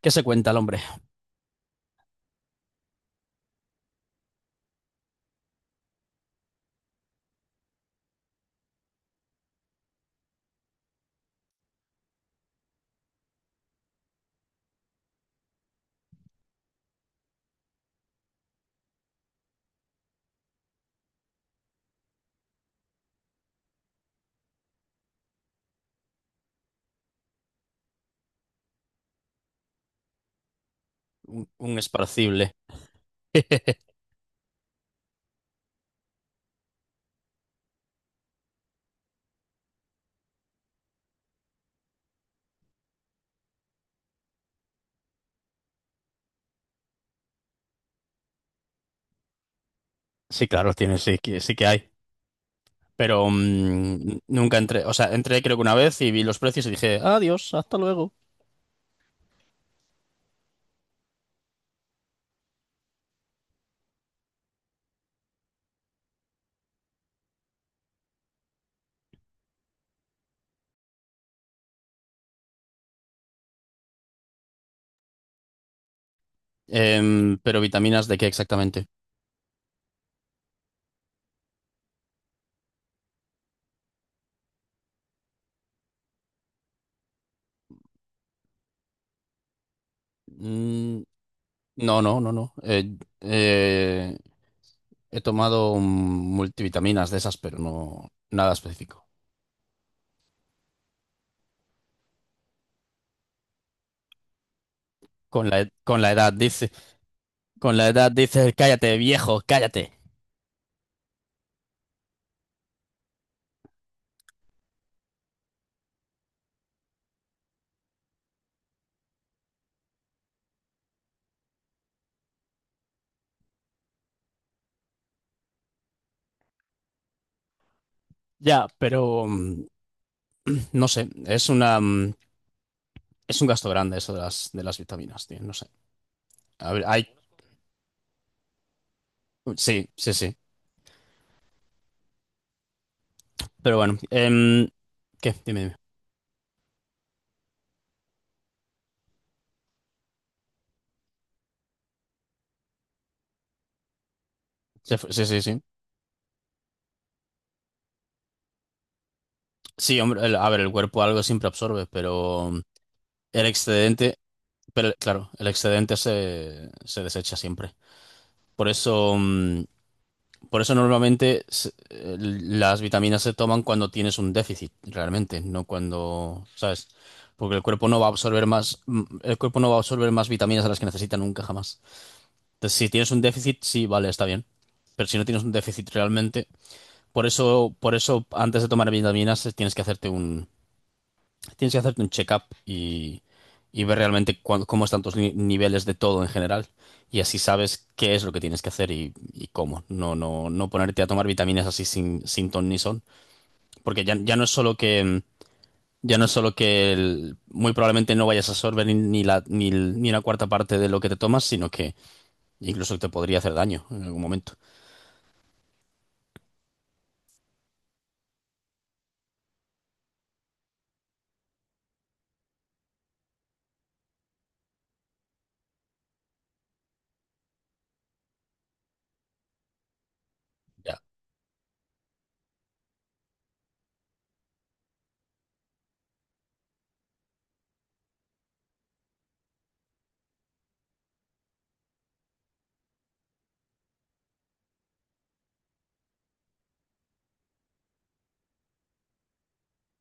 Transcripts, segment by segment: ¿Qué se cuenta el hombre? Un esparcible. Sí, claro, tiene, sí, sí que hay. Pero nunca entré, o sea, entré creo que una vez y vi los precios y dije, adiós, hasta luego. Pero vitaminas, ¿de qué exactamente? Mm, no, no, no, no. He tomado multivitaminas de esas, pero no nada específico. Con la, ed- con la edad dice, con la edad dice, cállate, viejo, cállate. Ya, pero no sé, es un gasto grande eso de de las vitaminas, tío. No sé. A ver, hay. Sí, sí, sí. Pero bueno. ¿Qué? Dime, dime. Sí, sí, sí. Sí, hombre, a ver, el cuerpo algo siempre absorbe, pero el excedente. Pero claro, el excedente se desecha siempre. Por eso, mm, por eso normalmente las vitaminas se toman cuando tienes un déficit, realmente, no cuando, ¿sabes? Porque el cuerpo no va a absorber más, el cuerpo no va a absorber más vitaminas a las que necesita nunca jamás. Entonces, si tienes un déficit, sí, vale, está bien. Pero si no tienes un déficit realmente, por eso antes de tomar vitaminas tienes que hacerte tienes que hacerte un check-up y ver realmente cómo están tus niveles de todo en general. Y así sabes qué es lo que tienes que hacer y cómo. No, no, no ponerte a tomar vitaminas así sin ton ni son. Porque ya no es solo que, ya no es solo que muy probablemente no vayas a absorber ni, ni la, ni, el- ni una cuarta parte de lo que te tomas, sino que incluso te podría hacer daño en algún momento.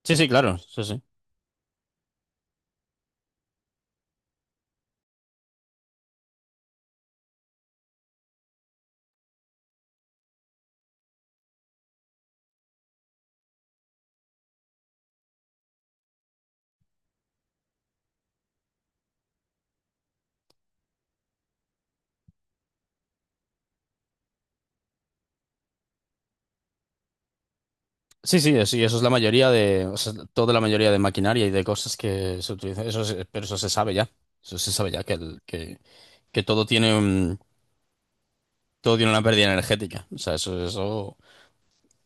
Sí, sí, claro. Sí, sí. Sí, sí, sí, eso es la mayoría de, o sea, toda la mayoría de maquinaria y de cosas que se utilizan. Pero eso se sabe ya. Eso se sabe ya que todo todo tiene una pérdida energética. O sea, eso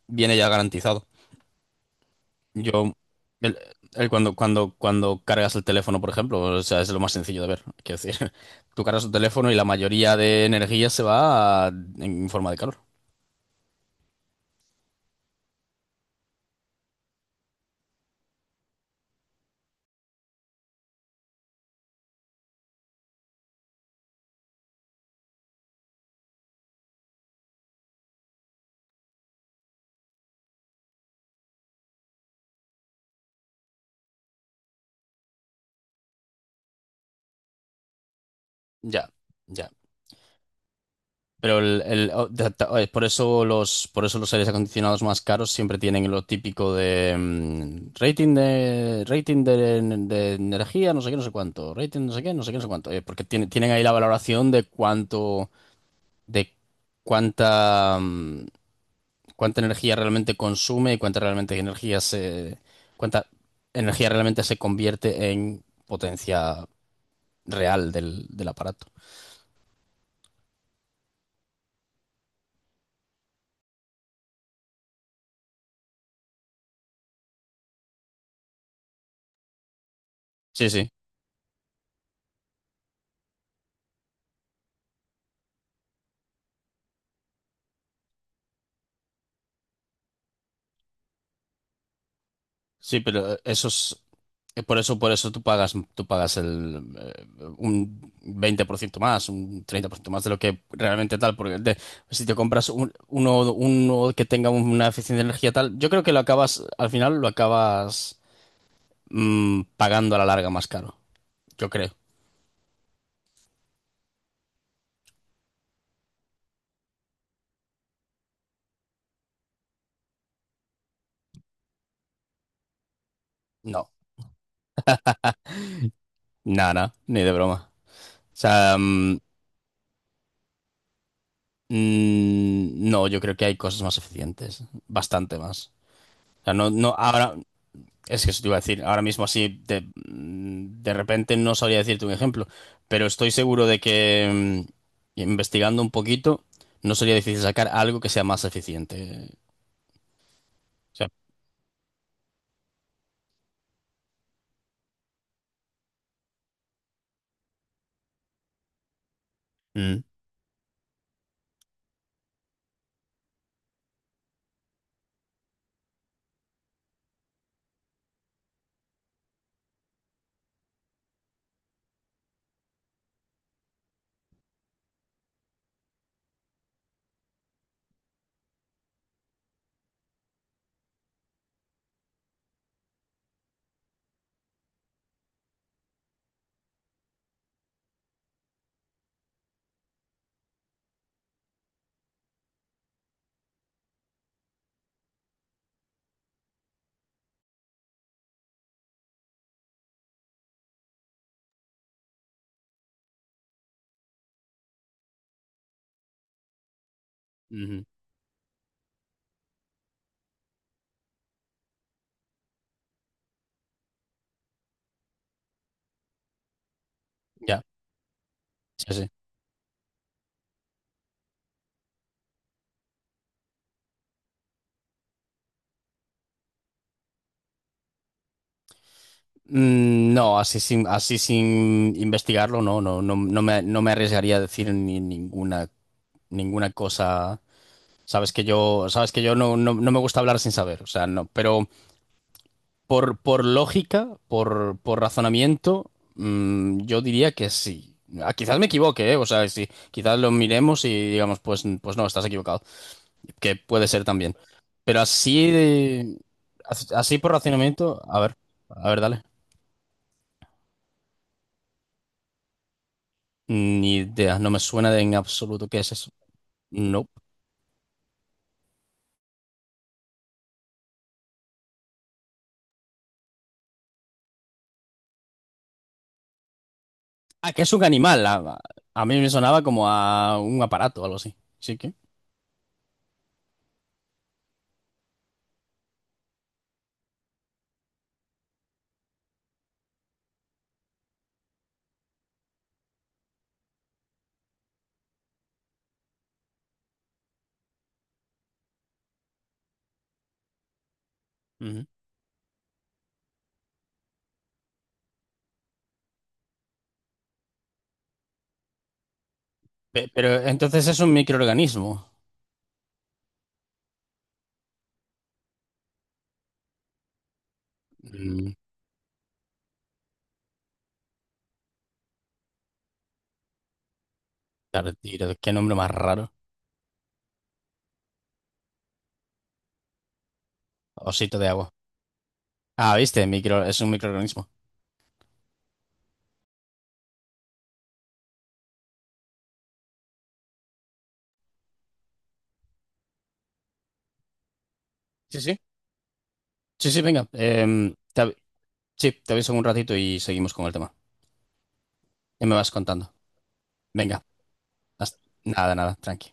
viene ya garantizado. Yo, el, el cuando cargas el teléfono, por ejemplo, o sea, es lo más sencillo de ver. Quiero decir, tú cargas tu teléfono y la mayoría de energía se va en forma de calor. Ya, ya. Pero es por eso por eso los aires acondicionados más caros siempre tienen lo típico de rating de energía, no sé qué, no sé cuánto, rating no sé qué, no sé qué, no sé cuánto. Porque tienen ahí la valoración de cuánto, de cuánta, mm, cuánta energía realmente consume y cuánta energía realmente se convierte en potencia real del aparato. Sí, sí. Sí, pero eso es, por eso tú pagas un 20% más, un 30% más de lo que realmente tal, si te compras uno que tenga una eficiencia de energía tal, yo creo que al final lo acabas pagando a la larga más caro, yo creo. No, nada, ni de broma. O sea, no, yo creo que hay cosas más eficientes, bastante más. O sea, no, no, ahora, es que eso te iba a decir, ahora mismo así de repente no sabría decirte un ejemplo, pero estoy seguro de que investigando un poquito no sería difícil sacar algo que sea más eficiente. O sea, mm, ujú, ya, sí, sí. No, así sin investigarlo, no me arriesgaría a decir ni ninguna cosa. Sabes que yo no, no me gusta hablar sin saber, o sea, no, pero por lógica, por razonamiento, yo diría que sí. Ah, quizás me equivoque, ¿eh? O sea, sí, quizás lo miremos y digamos, pues, pues no, estás equivocado. Que puede ser también. Pero así de- Así por razonamiento, a ver, dale. Ni idea, no me suena de en absoluto qué es eso. No. Ah, que es un animal. A mí me sonaba como a un aparato o algo así. Sí que. Ujú. Pero entonces es un microorganismo. Mm, Tardigrado, qué nombre más raro. Osito de agua. Ah, viste, micro, es un microorganismo. Sí, sí. Sí, sí, venga. Sí, te aviso en un ratito y seguimos con el tema. Ya me vas contando. Venga. hasta- nada, nada, tranqui.